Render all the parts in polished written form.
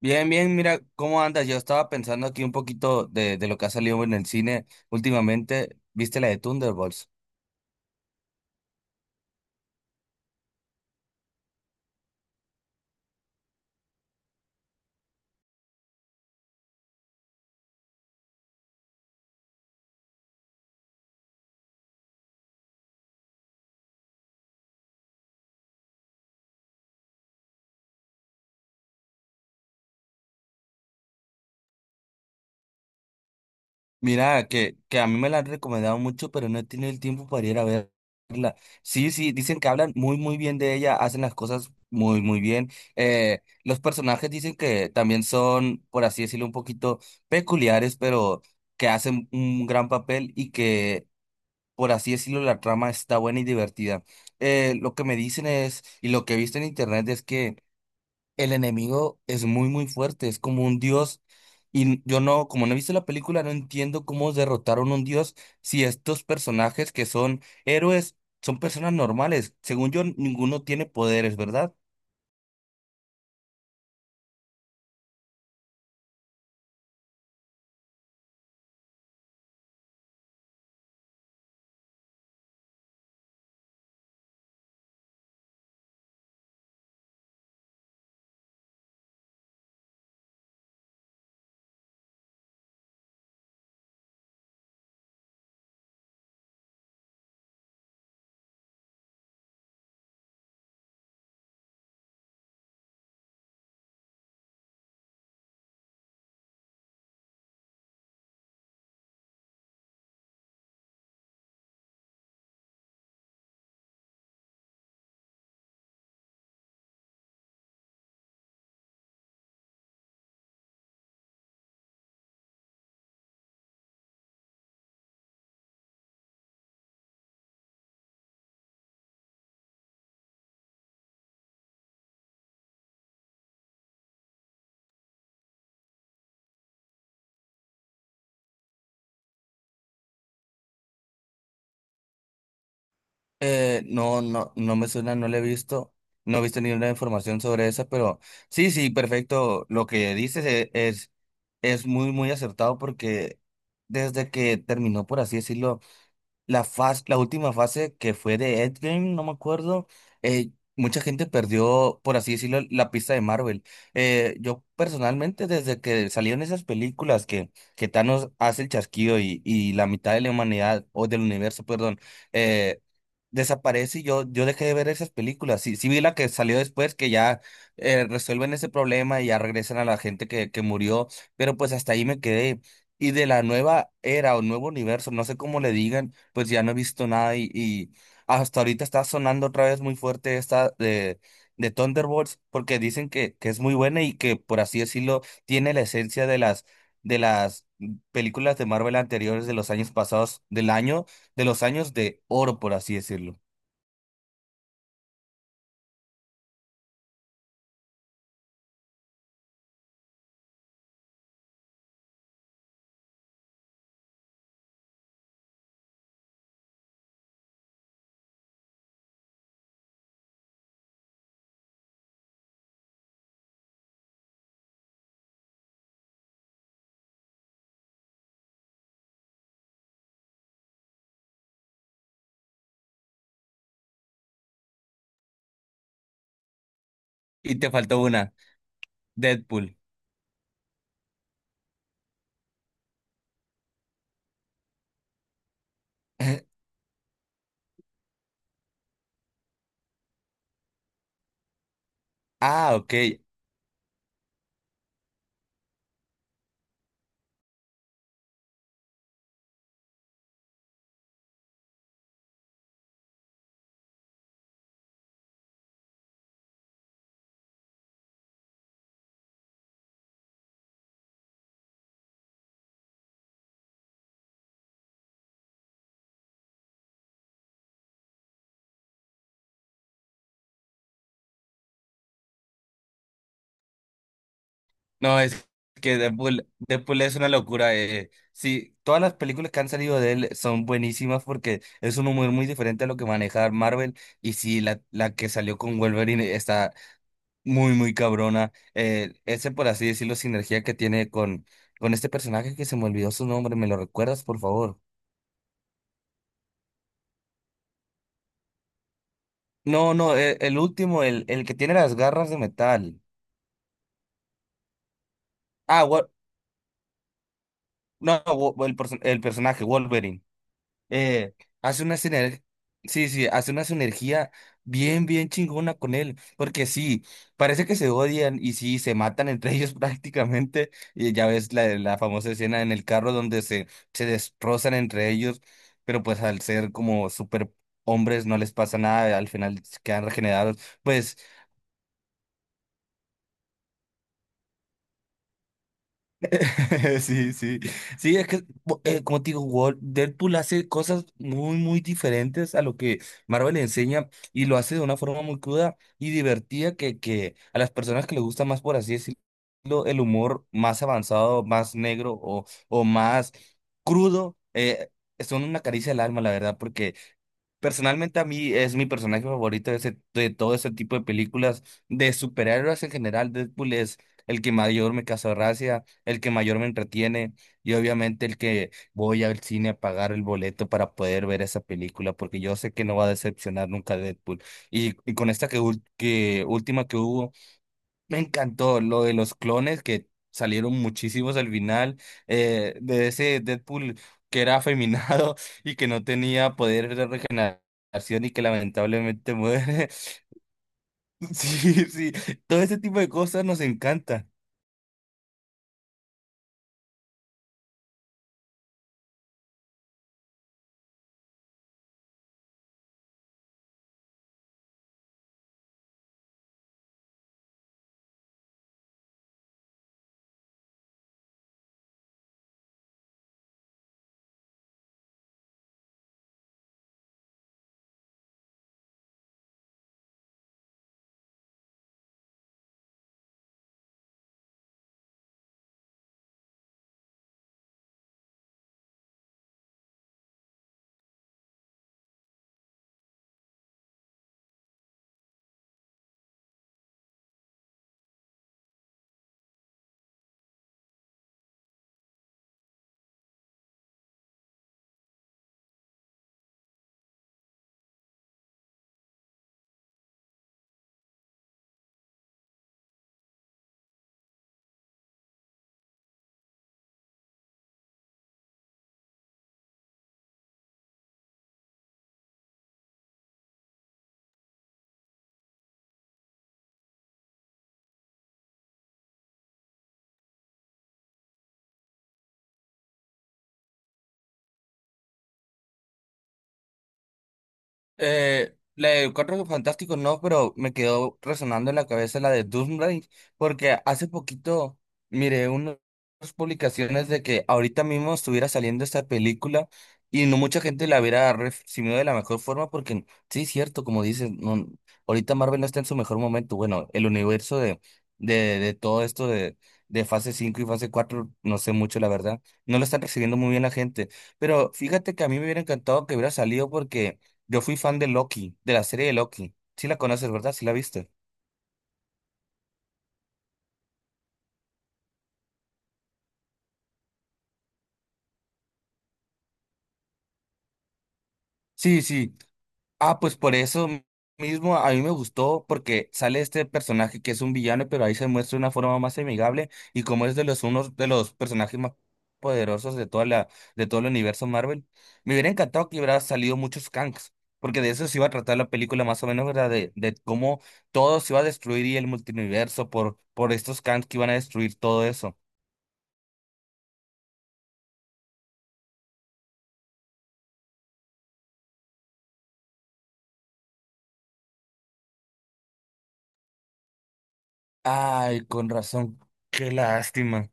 Bien, bien, mira, ¿cómo andas? Yo estaba pensando aquí un poquito de lo que ha salido en el cine últimamente. ¿Viste la de Thunderbolts? Mira, que a mí me la han recomendado mucho, pero no he tenido el tiempo para ir a ver. Sí, sí, dicen que hablan muy, muy bien de ella, hacen las cosas muy, muy bien. Los personajes dicen que también son, por así decirlo, un poquito peculiares, pero que hacen un gran papel y que, por así decirlo, la trama está buena y divertida. Lo que me dicen es, y lo que he visto en internet es que el enemigo es muy, muy fuerte, es como un dios. Y yo no, como no he visto la película, no entiendo cómo derrotaron un dios si estos personajes que son héroes son personas normales. Según yo, ninguno tiene poderes, ¿verdad? No, no, no me suena, no le he visto, no he visto ninguna información sobre esa, pero sí, sí, perfecto. Lo que dices, es muy, muy acertado porque desde que terminó, por así decirlo. La última fase que fue de Endgame, no me acuerdo, eh, mucha gente perdió, por así decirlo, la pista de Marvel. Yo personalmente, desde que salieron esas películas que Thanos hace el chasquido y la mitad de la humanidad, o del universo, perdón, eh, desaparece y yo dejé de ver esas películas. Sí, sí vi la que salió después, que ya resuelven ese problema y ya regresan a la gente que murió, pero pues hasta ahí me quedé. Y de la nueva era o nuevo universo, no sé cómo le digan, pues ya no he visto nada y hasta ahorita está sonando otra vez muy fuerte esta de Thunderbolts porque dicen que es muy buena y que, por así decirlo, tiene la esencia de las películas de Marvel anteriores de los años pasados, de los años de oro, por así decirlo. Y te faltó una, Deadpool. Ah, ok. No, es que Deadpool es una locura. Sí, todas las películas que han salido de él son buenísimas porque es un humor muy diferente a lo que maneja Marvel. Y sí, la que salió con Wolverine está muy, muy cabrona. Ese, por así decirlo, sinergia que tiene con este personaje que se me olvidó su nombre. ¿Me lo recuerdas, por favor? No, no, el último, el que tiene las garras de metal. Ah, Wol- no, Wol- el, perso- El personaje, Wolverine. eh, Hace una sinergia, sí, sí, hace una sinergia bien, bien chingona con él, porque sí, parece que se odian y sí, se matan entre ellos prácticamente, y ya ves la famosa escena en el carro donde se destrozan entre ellos, pero pues al ser como super hombres no les pasa nada, al final quedan regenerados, pues. Sí, sí. Sí, es que, como te digo, Deadpool hace cosas muy, muy diferentes a lo que Marvel le enseña, y lo hace de una forma muy cruda y divertida que a las personas que les gusta más, por así decirlo, el humor más avanzado, más negro, o más crudo, son una caricia al alma, la verdad, porque personalmente a mí es mi personaje favorito de todo ese tipo de películas, de superhéroes en general. Deadpool es el que mayor me causa gracia, el que mayor me entretiene y obviamente el que voy al cine a pagar el boleto para poder ver esa película, porque yo sé que no va a decepcionar nunca Deadpool. Y con esta que última que hubo, me encantó lo de los clones que salieron muchísimos al final, de ese Deadpool que era afeminado y que no tenía poder de regeneración y que lamentablemente muere. Sí, sí, todo ese tipo de cosas nos encanta. La de Cuatro Fantásticos no, pero me quedó resonando en la cabeza la de Doomsday, porque hace poquito miré unas publicaciones de que ahorita mismo estuviera saliendo esta película y no mucha gente la hubiera recibido de la mejor forma, porque sí, es cierto, como dices, no, ahorita Marvel no está en su mejor momento. Bueno, el universo de todo esto de fase 5 y fase 4 no sé mucho, la verdad, no lo están recibiendo muy bien la gente, pero fíjate que a mí me hubiera encantado que hubiera salido porque yo fui fan de Loki, de la serie de Loki. Sí la conoces, ¿verdad? Sí la viste. Sí, sí. Ah, pues por eso mismo a mí me gustó porque sale este personaje que es un villano, pero ahí se muestra de una forma más amigable y como es de los unos de los personajes más poderosos de toda la de todo el universo Marvel. Me hubiera encantado que hubiera salido muchos Kangs, porque de eso se iba a tratar la película más o menos, ¿verdad? De cómo todo se iba a destruir y el multiverso por estos Kangs que iban a destruir todo eso. Ay, con razón. Qué lástima.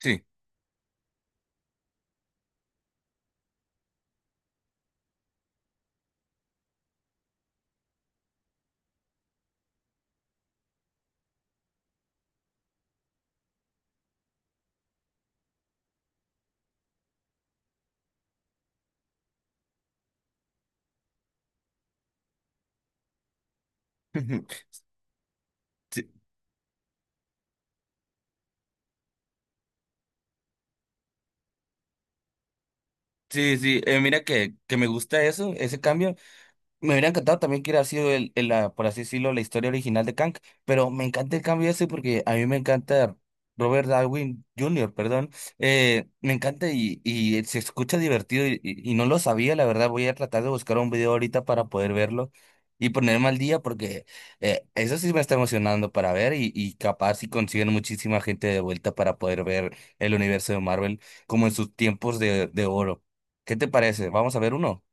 Sí. Sí, sí, sí. Mira que me gusta eso, ese cambio. Me hubiera encantado también que hubiera sido por así decirlo, la historia original de Kang, pero me encanta el cambio ese porque a mí me encanta Robert Darwin Junior, perdón. Me encanta y se escucha divertido y no lo sabía, la verdad, voy a tratar de buscar un video ahorita para poder verlo y ponerme al día porque, eso sí me está emocionando para ver y capaz si consiguen muchísima gente de vuelta para poder ver el universo de Marvel como en sus tiempos de oro. ¿Qué te parece? ¿Vamos a ver uno?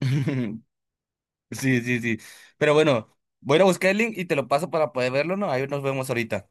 Sí, sí, sí. Pero bueno, voy a ir a buscar el link y te lo paso para poder verlo, ¿no? Ahí nos vemos ahorita.